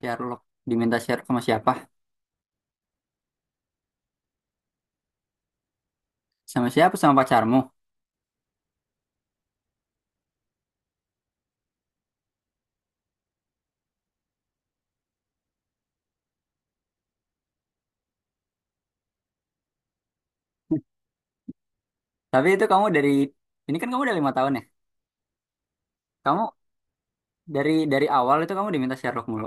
Sherlock diminta share sama siapa? Sama siapa? Sama pacarmu. Tapi itu kamu dari ini kan kamu udah 5 tahun ya. Kamu dari awal itu kamu diminta Sherlock mulu.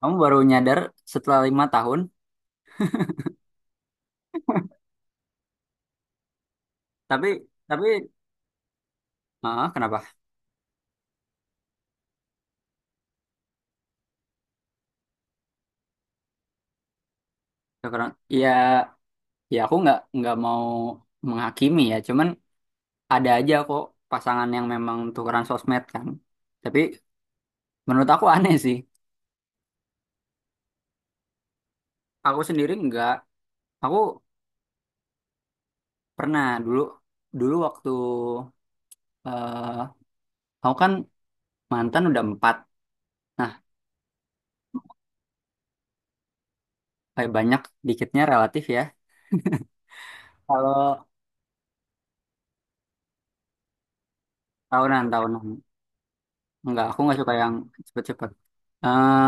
Kamu baru nyadar setelah 5 tahun. Tapi tapi kenapa? Ya, karena ya ya aku nggak mau menghakimi ya. Cuman ada aja kok pasangan yang memang tukeran sosmed kan. Tapi menurut aku aneh sih. Aku sendiri nggak. Aku pernah dulu dulu waktu eh aku kan mantan udah empat. Nah, kayak banyak dikitnya relatif ya. Kalau tahunan, tahunan. Enggak, aku nggak suka yang cepet-cepet. eh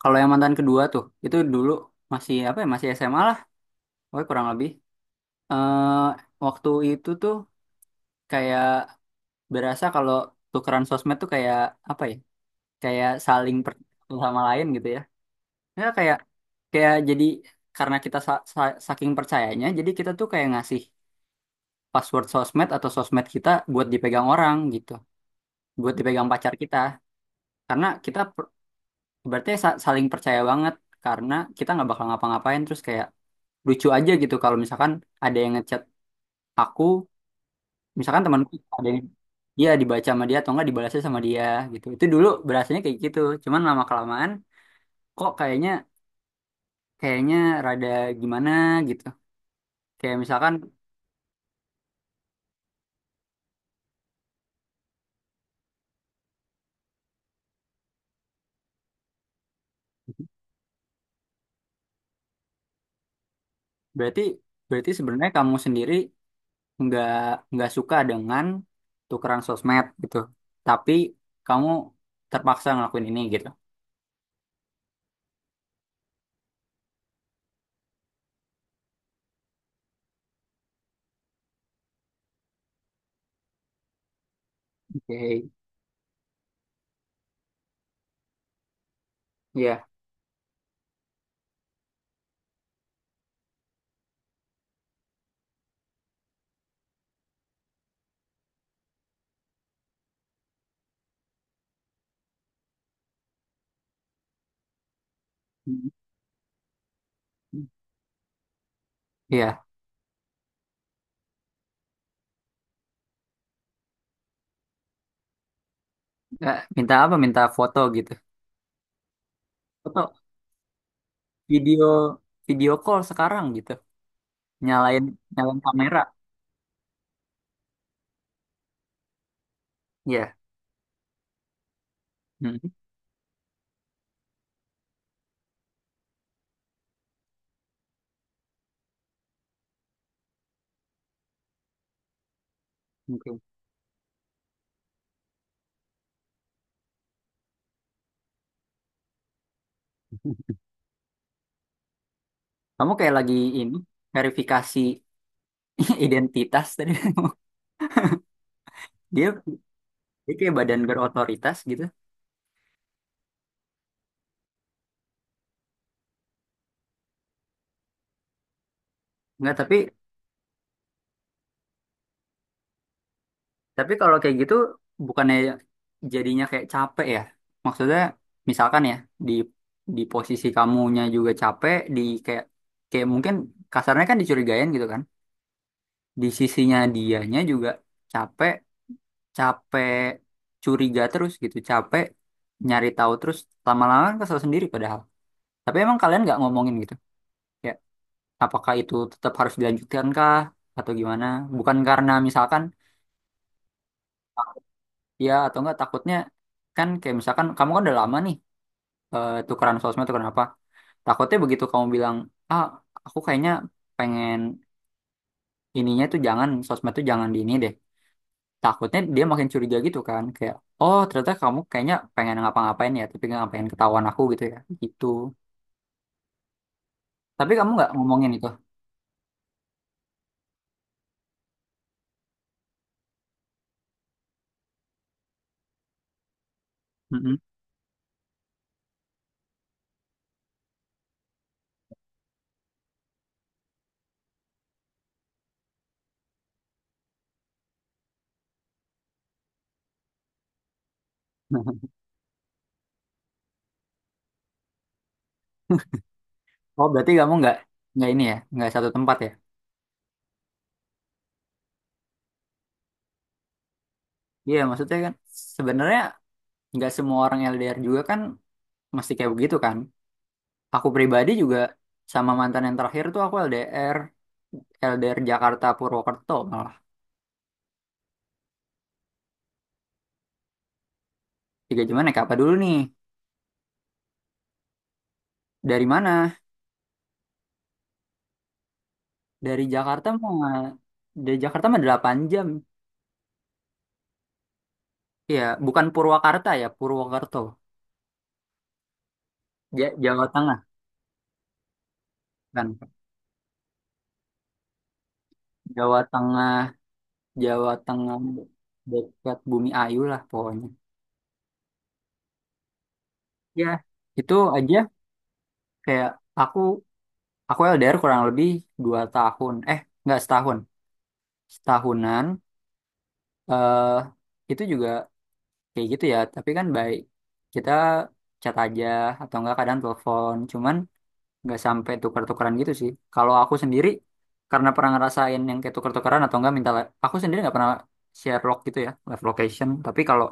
Kalau yang mantan kedua tuh, itu dulu masih apa ya, masih SMA lah. Pokoknya kurang lebih. eh Waktu itu tuh kayak berasa kalau tukeran sosmed tuh kayak apa ya, kayak saling satu sama lain gitu ya. Ya kayak kayak jadi karena kita saking percayanya, jadi kita tuh kayak ngasih password sosmed atau sosmed kita buat dipegang orang gitu. Buat dipegang pacar kita karena berarti saling percaya banget karena kita nggak bakal ngapa-ngapain terus kayak lucu aja gitu kalau misalkan ada yang ngechat aku misalkan temanku ada yang dia dibaca sama dia atau nggak dibalasnya sama dia gitu itu dulu berasanya kayak gitu. Cuman lama kelamaan kok kayaknya kayaknya rada gimana gitu kayak misalkan berarti berarti sebenarnya kamu sendiri nggak nggak suka dengan tukeran sosmed gitu tapi kamu terpaksa ngelakuin ini gitu. Oke, iya. Iya. Nah, minta apa? Minta foto gitu. Foto, video, video call sekarang gitu. Nyalain, nyalain kamera. Iya. Hmm. Oke. Kamu kayak lagi ini verifikasi identitas tadi. Dia, dia kayak badan berotoritas gitu. Enggak, tapi kalau kayak gitu bukannya jadinya kayak capek ya? Maksudnya misalkan ya di di posisi kamunya juga capek di kayak kayak mungkin kasarnya kan dicurigain gitu kan? Di sisinya dianya juga capek, capek curiga terus gitu, capek nyari tahu terus, lama-lama kan kesel sendiri padahal. Tapi emang kalian nggak ngomongin gitu ya apakah itu tetap harus dilanjutkan kah atau gimana bukan karena misalkan ya atau enggak takutnya kan kayak misalkan kamu kan udah lama nih, tukeran sosmed tukeran apa, takutnya begitu kamu bilang, ah aku kayaknya pengen ininya tuh jangan sosmed tuh jangan di ini deh, takutnya dia makin curiga gitu kan kayak oh ternyata kamu kayaknya pengen ngapa-ngapain ya tapi nggak pengen ketahuan aku gitu ya gitu. Tapi kamu nggak ngomongin itu. Mm-mm. Oh berarti kamu nggak ini ya nggak satu tempat ya. Iya maksudnya kan sebenarnya nggak semua orang LDR juga kan mesti kayak begitu kan. Aku pribadi juga sama mantan yang terakhir tuh aku LDR LDR Jakarta Purwokerto malah. 3 jam naik apa dulu nih? Dari mana? Dari Jakarta mah, dari Jakarta mah 8 jam. Iya, bukan Purwakarta ya, Purwokerto. Jawa Tengah kan. Jawa Tengah, Jawa Tengah dekat Bumi Ayu lah pokoknya. Ya, itu aja kayak aku aku LDR kurang lebih 2 tahun. Eh, nggak setahun. Setahunan. eh itu juga kayak gitu ya, tapi kan baik. Kita chat aja atau enggak kadang telepon. Cuman nggak sampai tukar-tukaran gitu sih. Kalau aku sendiri karena pernah ngerasain yang kayak tukar-tukaran atau enggak aku sendiri nggak pernah share log gitu ya, live location. Tapi kalau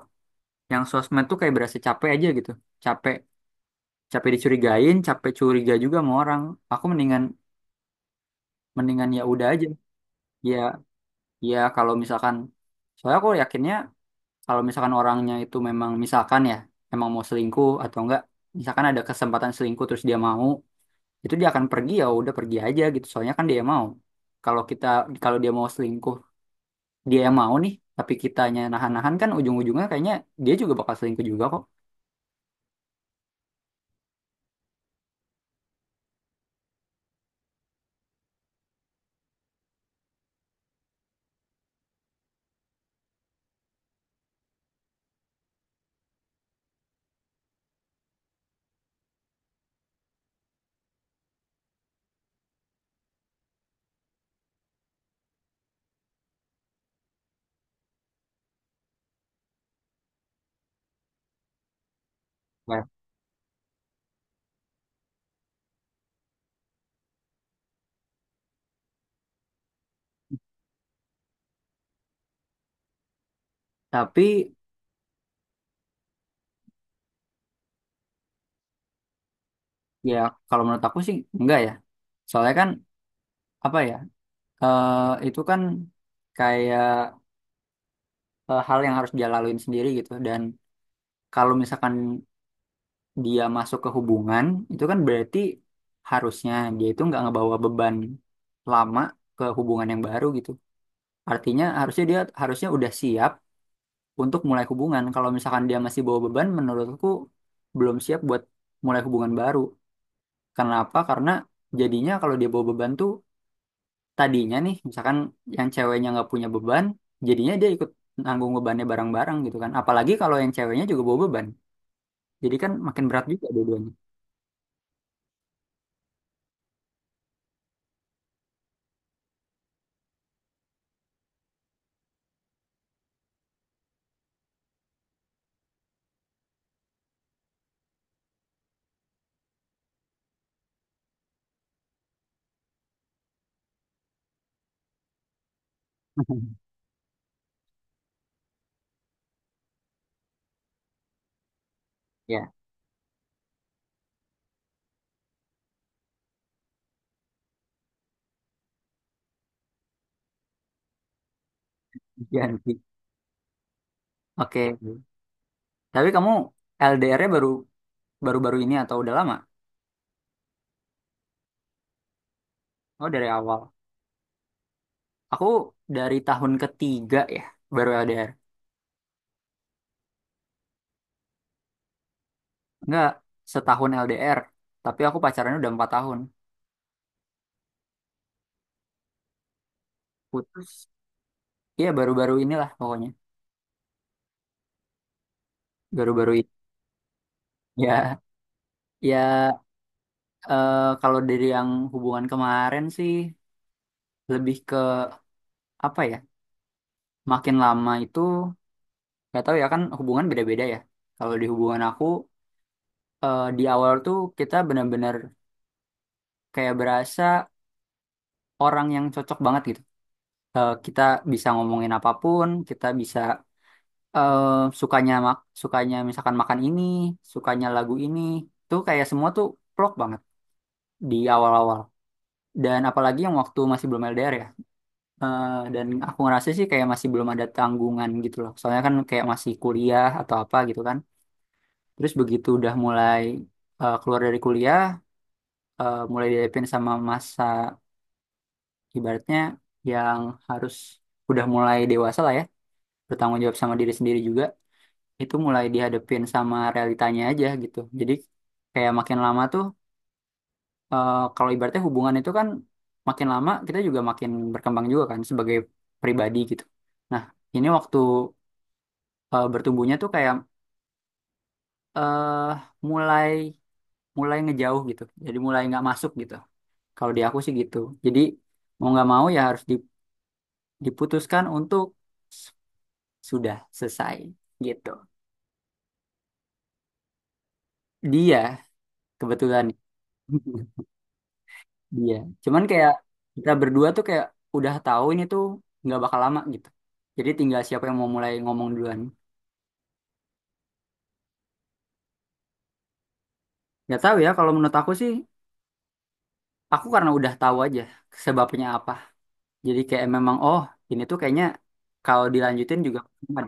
yang sosmed tuh kayak berasa capek aja gitu. Capek, capek dicurigain, capek curiga juga sama orang. Aku mendingan, ya udah aja. Ya ya, kalau misalkan soalnya aku yakinnya kalau misalkan orangnya itu memang misalkan ya emang mau selingkuh atau enggak misalkan ada kesempatan selingkuh terus dia mau itu dia akan pergi, ya udah pergi aja gitu soalnya kan dia yang mau. Kalau kita, kalau dia mau selingkuh dia yang mau nih, tapi kitanya nahan-nahan kan ujung-ujungnya kayaknya dia juga bakal selingkuh juga kok. Nah, tapi ya kalau menurut aku sih enggak ya soalnya kan apa ya, eh, itu kan kayak hal yang harus dia laluin sendiri gitu. Dan kalau misalkan dia masuk ke hubungan itu kan berarti harusnya dia itu nggak ngebawa beban lama ke hubungan yang baru gitu. Artinya harusnya dia harusnya udah siap untuk mulai hubungan. Kalau misalkan dia masih bawa beban, menurutku belum siap buat mulai hubungan baru. Kenapa? Karena jadinya kalau dia bawa beban tuh tadinya nih, misalkan yang ceweknya nggak punya beban, jadinya dia ikut nanggung bebannya bareng-bareng gitu kan. Apalagi kalau yang ceweknya juga bawa beban. Jadi kan makin berat juga dua-duanya. Ya, ganti. Oke. Tapi kamu LDR-nya baru-baru ini atau udah lama? Oh, dari awal. Aku dari tahun ketiga ya baru LDR. Enggak, setahun LDR. Tapi aku pacarannya udah 4 tahun. Putus. Iya baru-baru inilah pokoknya. Baru-baru ini. Ya, ya, eh, kalau dari yang hubungan kemarin sih lebih ke apa ya? Makin lama itu nggak tahu ya kan hubungan beda-beda ya. Kalau di hubungan aku, di awal tuh kita benar-benar kayak berasa orang yang cocok banget gitu. Eh, kita bisa ngomongin apapun, kita bisa eh sukanya misalkan makan ini, sukanya lagu ini, tuh kayak semua tuh plok banget di awal-awal. Dan apalagi yang waktu masih belum LDR ya. Eh, dan aku ngerasa sih kayak masih belum ada tanggungan gitu loh. Soalnya kan kayak masih kuliah atau apa gitu kan. Terus begitu udah mulai keluar dari kuliah, mulai dihadapin sama masa ibaratnya yang harus udah mulai dewasa lah ya, bertanggung jawab sama diri sendiri juga. Itu mulai dihadapin sama realitanya aja gitu. Jadi kayak makin lama tuh, kalau ibaratnya hubungan itu kan makin lama kita juga makin berkembang juga kan sebagai pribadi gitu. Nah, ini waktu bertumbuhnya tuh kayak eh mulai mulai ngejauh gitu. Jadi mulai nggak masuk gitu. Kalau di aku sih gitu. Jadi mau nggak mau ya harus diputuskan untuk s- sudah selesai gitu. Dia kebetulan. Iya, cuman kayak kita berdua tuh kayak udah tahu ini tuh nggak bakal lama gitu. Jadi tinggal siapa yang mau mulai ngomong duluan. Nggak tahu ya, kalau menurut aku sih, aku karena udah tahu aja sebabnya apa. Jadi kayak memang, oh ini tuh kayaknya kalau dilanjutin juga aman.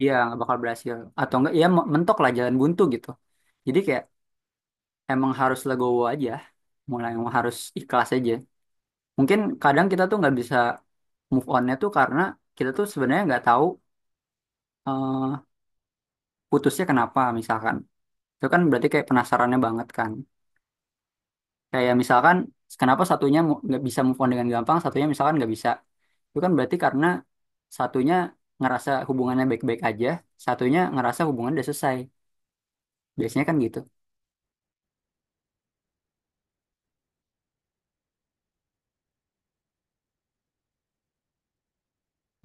Iya, nggak bakal berhasil. Atau enggak, ya mentok lah jalan buntu gitu. Jadi kayak emang harus legowo aja, mulai emang harus ikhlas aja. Mungkin kadang kita tuh nggak bisa move onnya tuh karena kita tuh sebenarnya nggak tahu eh, putusnya kenapa misalkan itu kan berarti kayak penasarannya banget kan kayak misalkan kenapa satunya nggak bisa move on dengan gampang satunya misalkan nggak bisa itu kan berarti karena satunya ngerasa hubungannya baik-baik aja satunya ngerasa hubungan udah selesai biasanya kan gitu.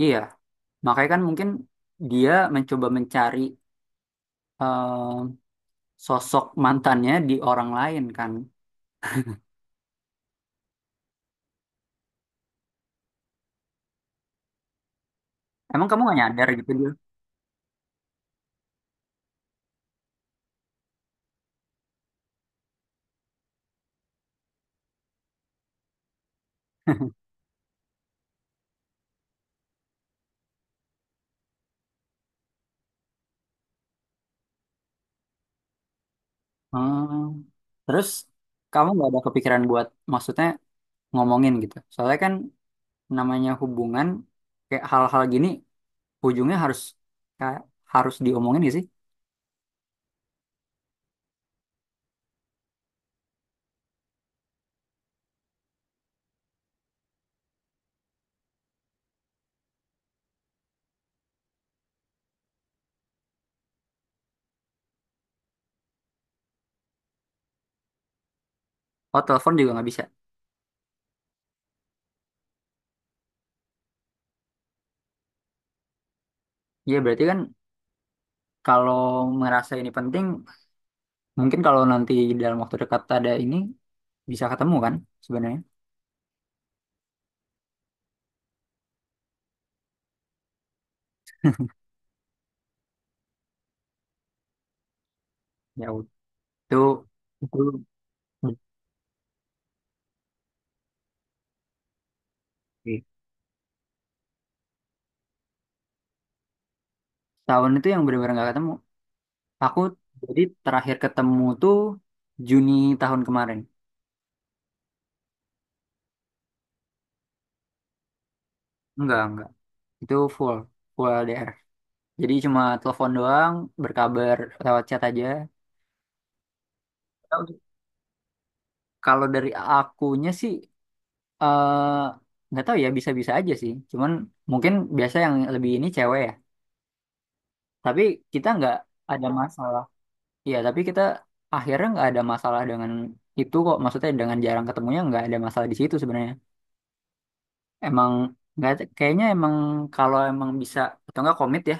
Iya makanya kan mungkin dia mencoba mencari eh, sosok mantannya di orang lain kan. Emang kamu nggak nyadar gitu dia? Hmm. Terus kamu nggak ada kepikiran buat maksudnya ngomongin gitu? Soalnya kan namanya hubungan kayak hal-hal gini ujungnya harus kayak harus diomongin gak sih? Oh telepon juga nggak bisa. Ya berarti kan kalau merasa ini penting mungkin kalau nanti dalam waktu dekat ada ini bisa ketemu kan sebenarnya. Ya itu itu tahun itu yang benar-benar nggak ketemu. Aku jadi terakhir ketemu tuh Juni tahun kemarin. Enggak, enggak. Itu full, full LDR. Jadi cuma telepon doang, berkabar lewat chat aja. Kalau dari akunya sih nggak tahu ya bisa-bisa aja sih. Cuman mungkin biasa yang lebih ini cewek ya. Tapi kita nggak ada masalah. Iya, tapi kita akhirnya nggak ada masalah dengan itu kok. Maksudnya dengan jarang ketemunya nggak ada masalah di situ sebenarnya. Emang nggak kayaknya emang kalau emang bisa atau nggak komit ya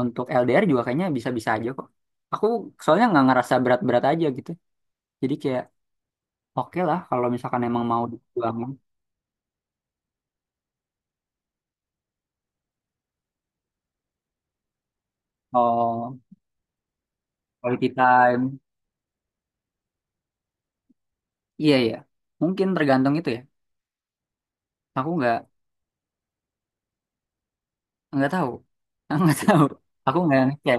untuk LDR juga kayaknya bisa-bisa aja kok. Aku soalnya nggak ngerasa berat-berat aja gitu. Jadi kayak oke lah kalau misalkan emang mau diperjuangin. Oh, quality time. Iya ya, mungkin tergantung itu ya. Aku nggak tahu, aku nggak tahu. Aku nggak ngecek,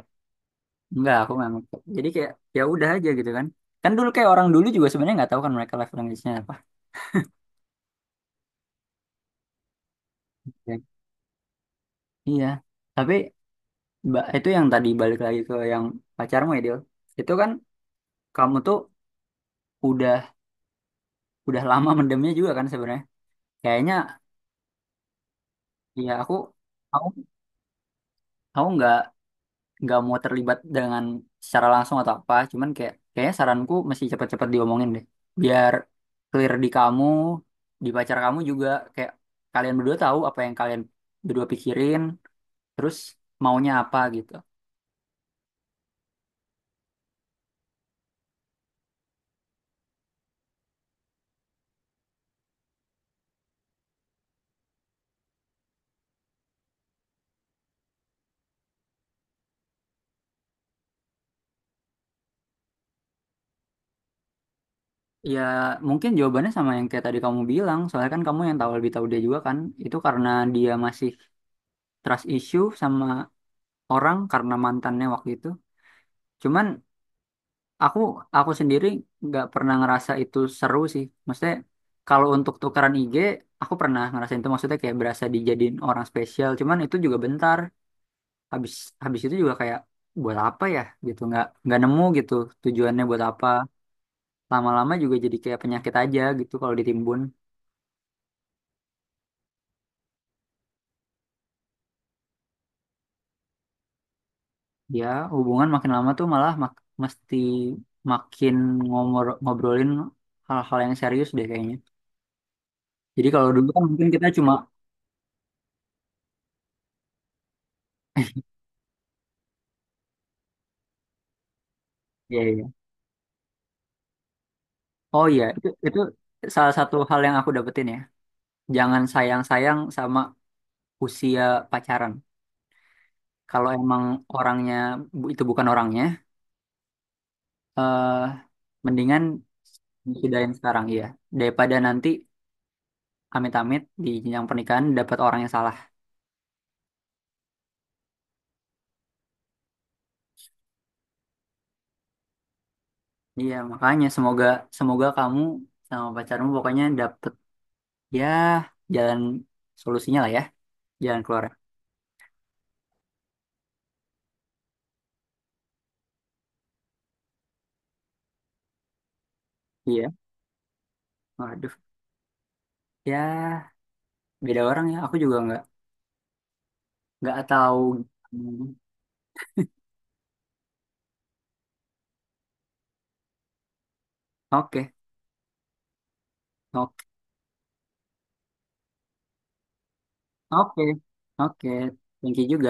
nggak aku nggak ngecek. Jadi kayak ya udah aja gitu kan. Kan dulu kayak orang dulu juga sebenarnya nggak tahu kan mereka live language-nya apa. Ya. Iya, tapi itu yang tadi balik lagi ke yang pacarmu ya Dil. Itu kan kamu tuh udah udah lama mendemnya juga kan sebenarnya. Kayaknya ya aku aku nggak mau terlibat dengan secara langsung atau apa, cuman kayak kayaknya saranku mesti cepet-cepet diomongin deh biar clear di kamu di pacar kamu juga kayak kalian berdua tahu apa yang kalian berdua pikirin terus maunya apa gitu. Ya mungkin jawabannya sama yang kayak tadi kamu bilang soalnya kan kamu yang tahu lebih tahu dia juga kan itu karena dia masih trust issue sama orang karena mantannya waktu itu. Cuman Aku aku sendiri nggak pernah ngerasa itu seru sih. Maksudnya kalau untuk tukaran IG, aku pernah ngerasain itu. Maksudnya kayak berasa dijadiin orang spesial. Cuman itu juga bentar. Habis habis itu juga kayak buat apa ya gitu. Nggak nemu gitu tujuannya buat apa. Lama-lama juga jadi kayak penyakit aja gitu kalau ditimbun. Ya hubungan makin lama tuh malah mesti makin ngobrolin hal-hal yang serius deh kayaknya. Jadi kalau dulu kan mungkin kita cuma ya ya. Oh iya, itu, salah satu hal yang aku dapetin ya. Jangan sayang-sayang sama usia pacaran. Kalau emang orangnya itu bukan orangnya, eh mendingan sudahin sekarang iya. Daripada nanti amit-amit di jenjang pernikahan dapat orang yang salah. Iya, makanya semoga, kamu sama pacarmu pokoknya dapet ya jalan solusinya lah ya, jalan keluar. Iya, waduh. Ya, beda orang ya. Aku juga nggak tahu. Hmm. Oke. Oke, oke, oke. Thank you juga.